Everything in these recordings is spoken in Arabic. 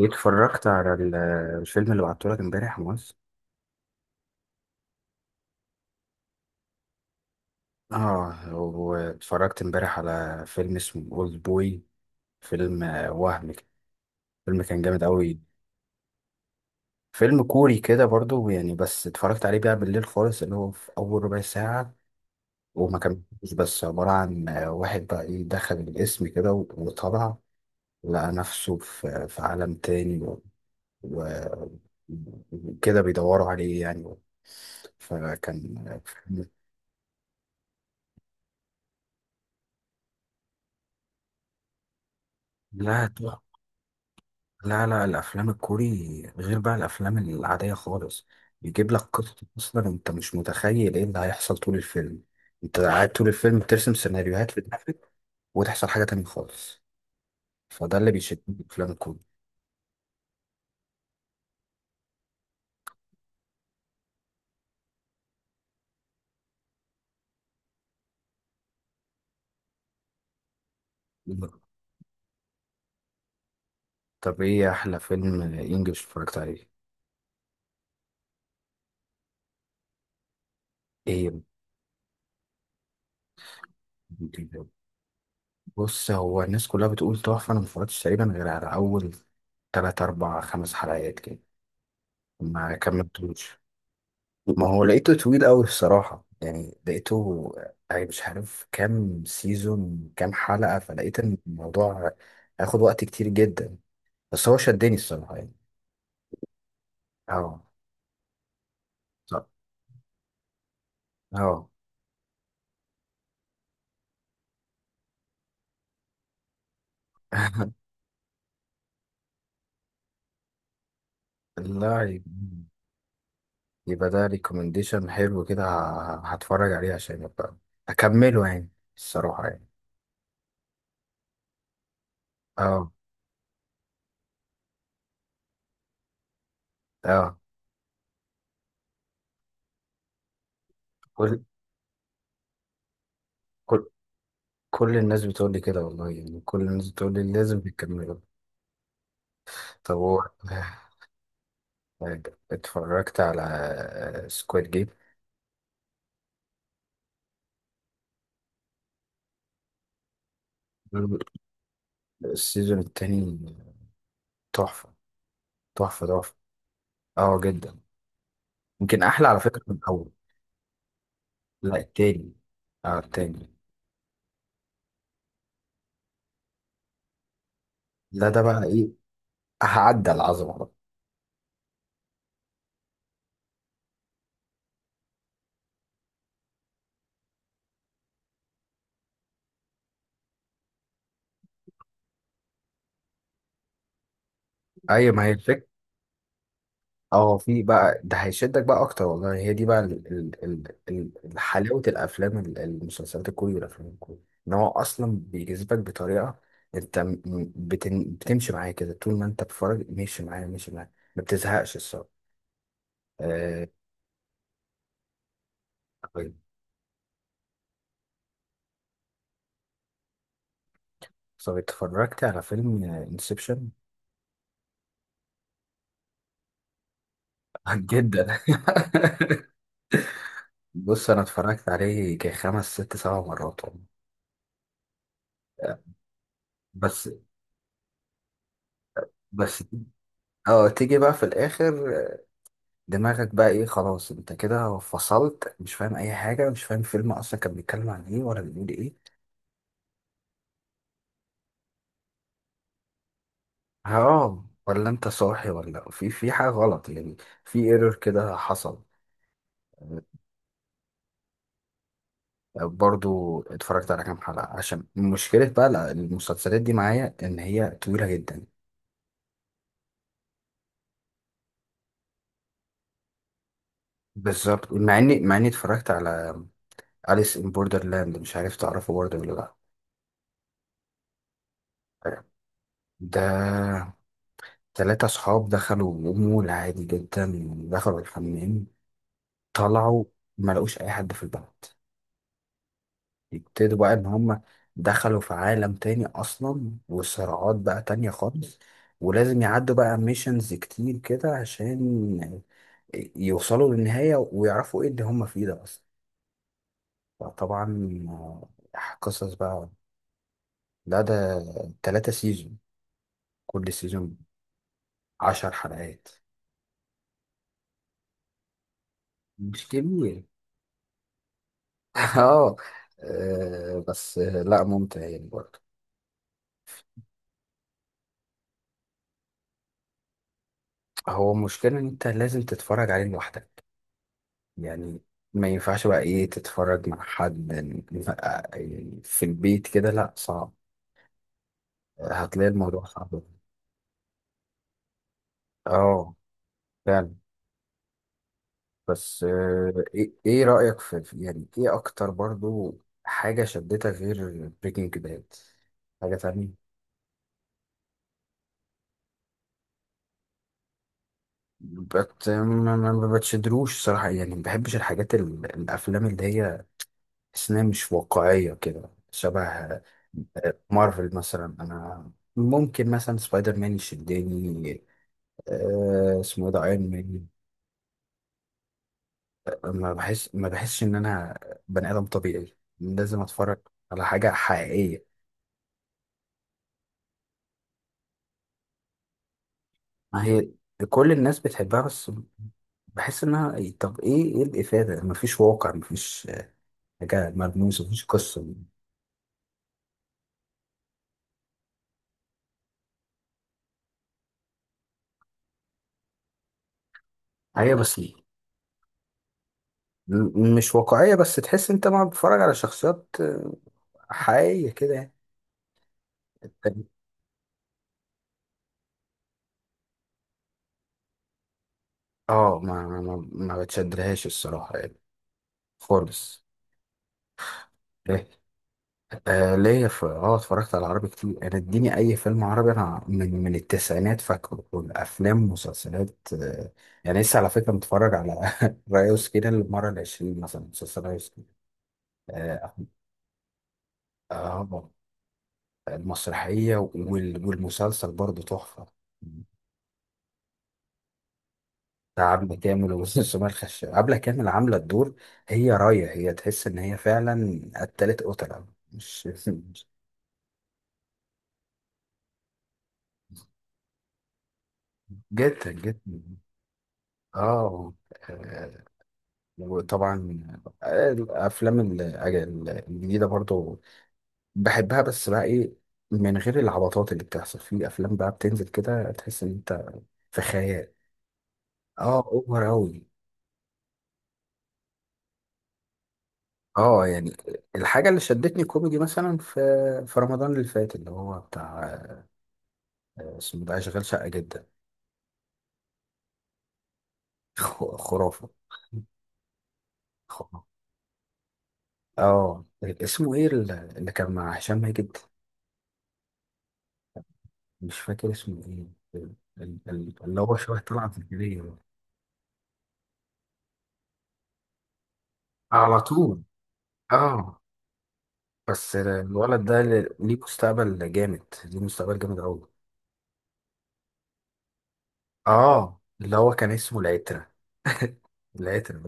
اتفرجت على الفيلم اللي بعتهولك امبارح موز. اه، واتفرجت امبارح على فيلم اسمه اولد بوي، فيلم وهم كده. فيلم كان جامد قوي، فيلم كوري كده برضو يعني، بس اتفرجت عليه بقى بالليل خالص اللي هو في اول ربع ساعة وما كملتش. بس عبارة عن واحد بقى ايه دخل الاسم كده وطلع لقى نفسه في عالم تاني و- وكده بيدوروا عليه يعني. فكان لا، لا، لا، الافلام الكوري غير بقى الافلام العاديه خالص، بيجيب لك قصه اصلا انت مش متخيل ايه اللي هيحصل طول الفيلم. انت قاعد طول الفيلم بترسم سيناريوهات في دماغك وتحصل حاجه تانية خالص. فده اللي بيشدني في الافلام الكوري. طب ايه احلى فيلم انجلش اتفرجت عليه؟ ايه؟ بص، هو الناس كلها بتقول تحفه، انا ما اتفرجتش تقريبا غير على اول 3 4 5 حلقات كده، ما كملتوش. ما هو لقيته طويل قوي الصراحة، يعني لقيته يعني مش عارف كام سيزون كام حلقة، فلقيت ان الموضوع هياخد وقت كتير جدا. بس هو شدني الصراحة يعني. اه، صح، اه. لا. يبقى، يبقى ده ريكومنديشن حلو كده، هتفرج عليه عشان يبقى اكمله يعني الصراحة يعني. اه، اه، كل كل كل الناس بتقول لي كده والله، يعني كل الناس بتقول لي لازم تكمله. طب هو طيب، اتفرجت على سكواد جيم؟ السيزون التاني تحفة، تحفة تحفة. اه جدا، يمكن أحلى على فكرة من الأول. لا، التاني. اه، التاني. لا ده بقى إيه، هعدى العظمة بقى. أي ما هي الفكرة. اه في بقى، ده هيشدك بقى أكتر والله، هي دي بقى ال- حلاوة الأفلام المسلسلات الكوري والأفلام الكوري. إن هو أصلا بيجذبك بطريقة، أنت بتمشي معاه كده، طول ما أنت بتتفرج ماشي معاه ماشي معاه، ما بتزهقش الصراحة. آه، طيب، طب اتفرجت على فيلم انسبشن؟ جدا. بص انا اتفرجت عليه كخمس ست سبع مرات والله. آه، بس، بس اه تيجي بقى في الاخر دماغك بقى ايه خلاص انت كده فصلت، مش فاهم اي حاجه، مش فاهم الفيلم اصلا كان بيتكلم عن ايه ولا بيقول ايه. اه، ولا انت صاحي ولا في حاجه غلط يعني، في ايرور كده حصل. برضو اتفرجت على كام حلقة، عشان مشكلة بقى لا، المسلسلات دي معايا ان هي طويلة جدا. بالظبط، مع اني اتفرجت على أليس ان بوردرلاند، مش عارف تعرفه برضه ولا لا. ده تلاتة صحاب دخلوا مول عادي جدا، دخلوا الحمام، طلعوا، ما لقوش اي حد في البلد. يبتدوا بقى ان هم دخلوا في عالم تاني اصلا، وصراعات بقى تانية خالص. ولازم يعدوا بقى ميشنز كتير كده عشان يوصلوا للنهاية ويعرفوا ايه اللي هم فيه ده اصلا. فطبعا قصص بقى. لا ده تلاتة سيزون، كل سيزون عشر حلقات. مش كبير. اه. آه، بس آه، لا ممتع يعني برضه. هو المشكلة ان انت لازم تتفرج عليه لوحدك يعني، ما ينفعش بقى ايه تتفرج مع حد. يعني في البيت كده لا صعب، هتلاقي الموضوع صعب. اه فعلا. بس ايه إيه رأيك يعني ايه اكتر برضو حاجة شدتك غير بريكنج باد حاجة تانية؟ بت ما ما- ما بتشدروش صراحة يعني، ما بحبش الحاجات الافلام اللي هي تحس إنها مش واقعية كده شبه مارفل مثلا. انا ممكن مثلا سبايدر مان يشدني اسمه إيه ده، ايرون مان. ما بحسش ان انا بني ادم طبيعي لازم اتفرج على حاجه حقيقيه. ما هي كل الناس بتحبها، بس بحس انها طب ايه ايه الافاده، ما فيش واقع، ما فيش حاجه ملموسه، ما فيش قصه. هي بس مش واقعيه، بس تحس انت ما بتتفرج على شخصيات حقيقيه كده يعني. اه، ما بتشدلهاش الصراحه يعني خالص. آه، ليا في اه اتفرجت على عربي كتير، انا اديني اي فيلم عربي، انا من التسعينات فاكره، والافلام مسلسلات آه، يعني لسه على فكره متفرج على ريوس كده المره العشرين مثلا، مسلسل ريوس كده. آه. آه. المسرحيه والمسلسل برضه تحفه. بتاع عبلة كامل وسمية الخشاب، عبلة كامل عامله الدور، هي رايه هي تحس ان هي فعلا قتلت قتله مش مش-. جدا جدا. اه. آه، وطبعا آه، الافلام ال- آه، ال- الجديده برضو بحبها، بس بقى ايه، من غير العبطات اللي بتحصل في افلام بقى بتنزل كده تحس ان انت في خيال. اه اوفر اوي. اه يعني الحاجه اللي شدتني كوميدي مثلا في رمضان اللي فات اللي هو بتاع اسمه ده اشغال شقه جدا. خرافه، خرافه. اه اسمه ايه اللي كان مع هشام ماجد، مش فاكر اسمه ايه، ال- اللي هو شبه طلعت زكريا. على طول، اه. بس الولد ده ليه مستقبل جامد، ليه مستقبل جامد قوي. اه اللي هو كان اسمه العترة. العترة.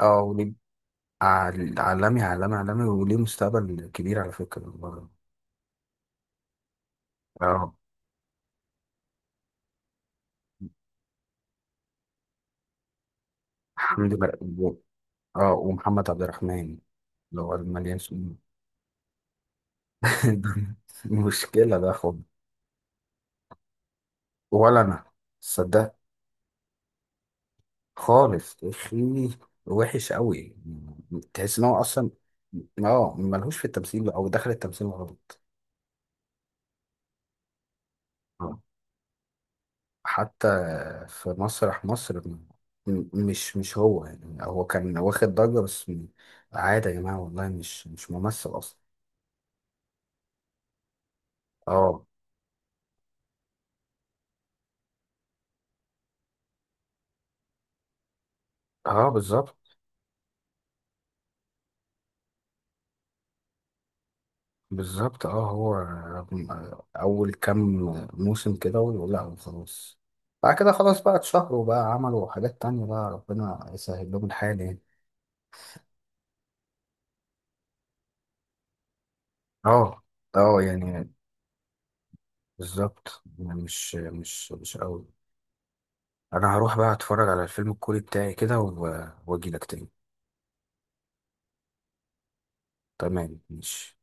اه وليه عالمي عالمي عالمي، وليه مستقبل كبير على فكرة الولد ده. اه الحمد لله. اه ومحمد عبد الرحمن اللي هو المليان سنين. ده مشكلة ده خد. ولا انا، صدقني. خالص يا اخي، وحش قوي، تحس ان هو اصلا اه ملهوش في التمثيل، او دخل التمثيل غلط. آه. حتى في مسرح مصر مش هو، يعني هو كان واخد ضجة بس عادي يا جماعة والله مش ممثل اصلا. اه. اه. بالظبط. بالظبط، اه هو اول كام موسم كده ويقول لا خلاص، بعد كده خلاص بقى اتشهروا بقى عملوا حاجات تانية بقى ربنا يسهل لهم الحال يعني. اه. اه يعني بالظبط يعني مش قوي. انا هروح بقى اتفرج على الفيلم الكوري بتاعي كده واجي لك تاني. تمام ماشي.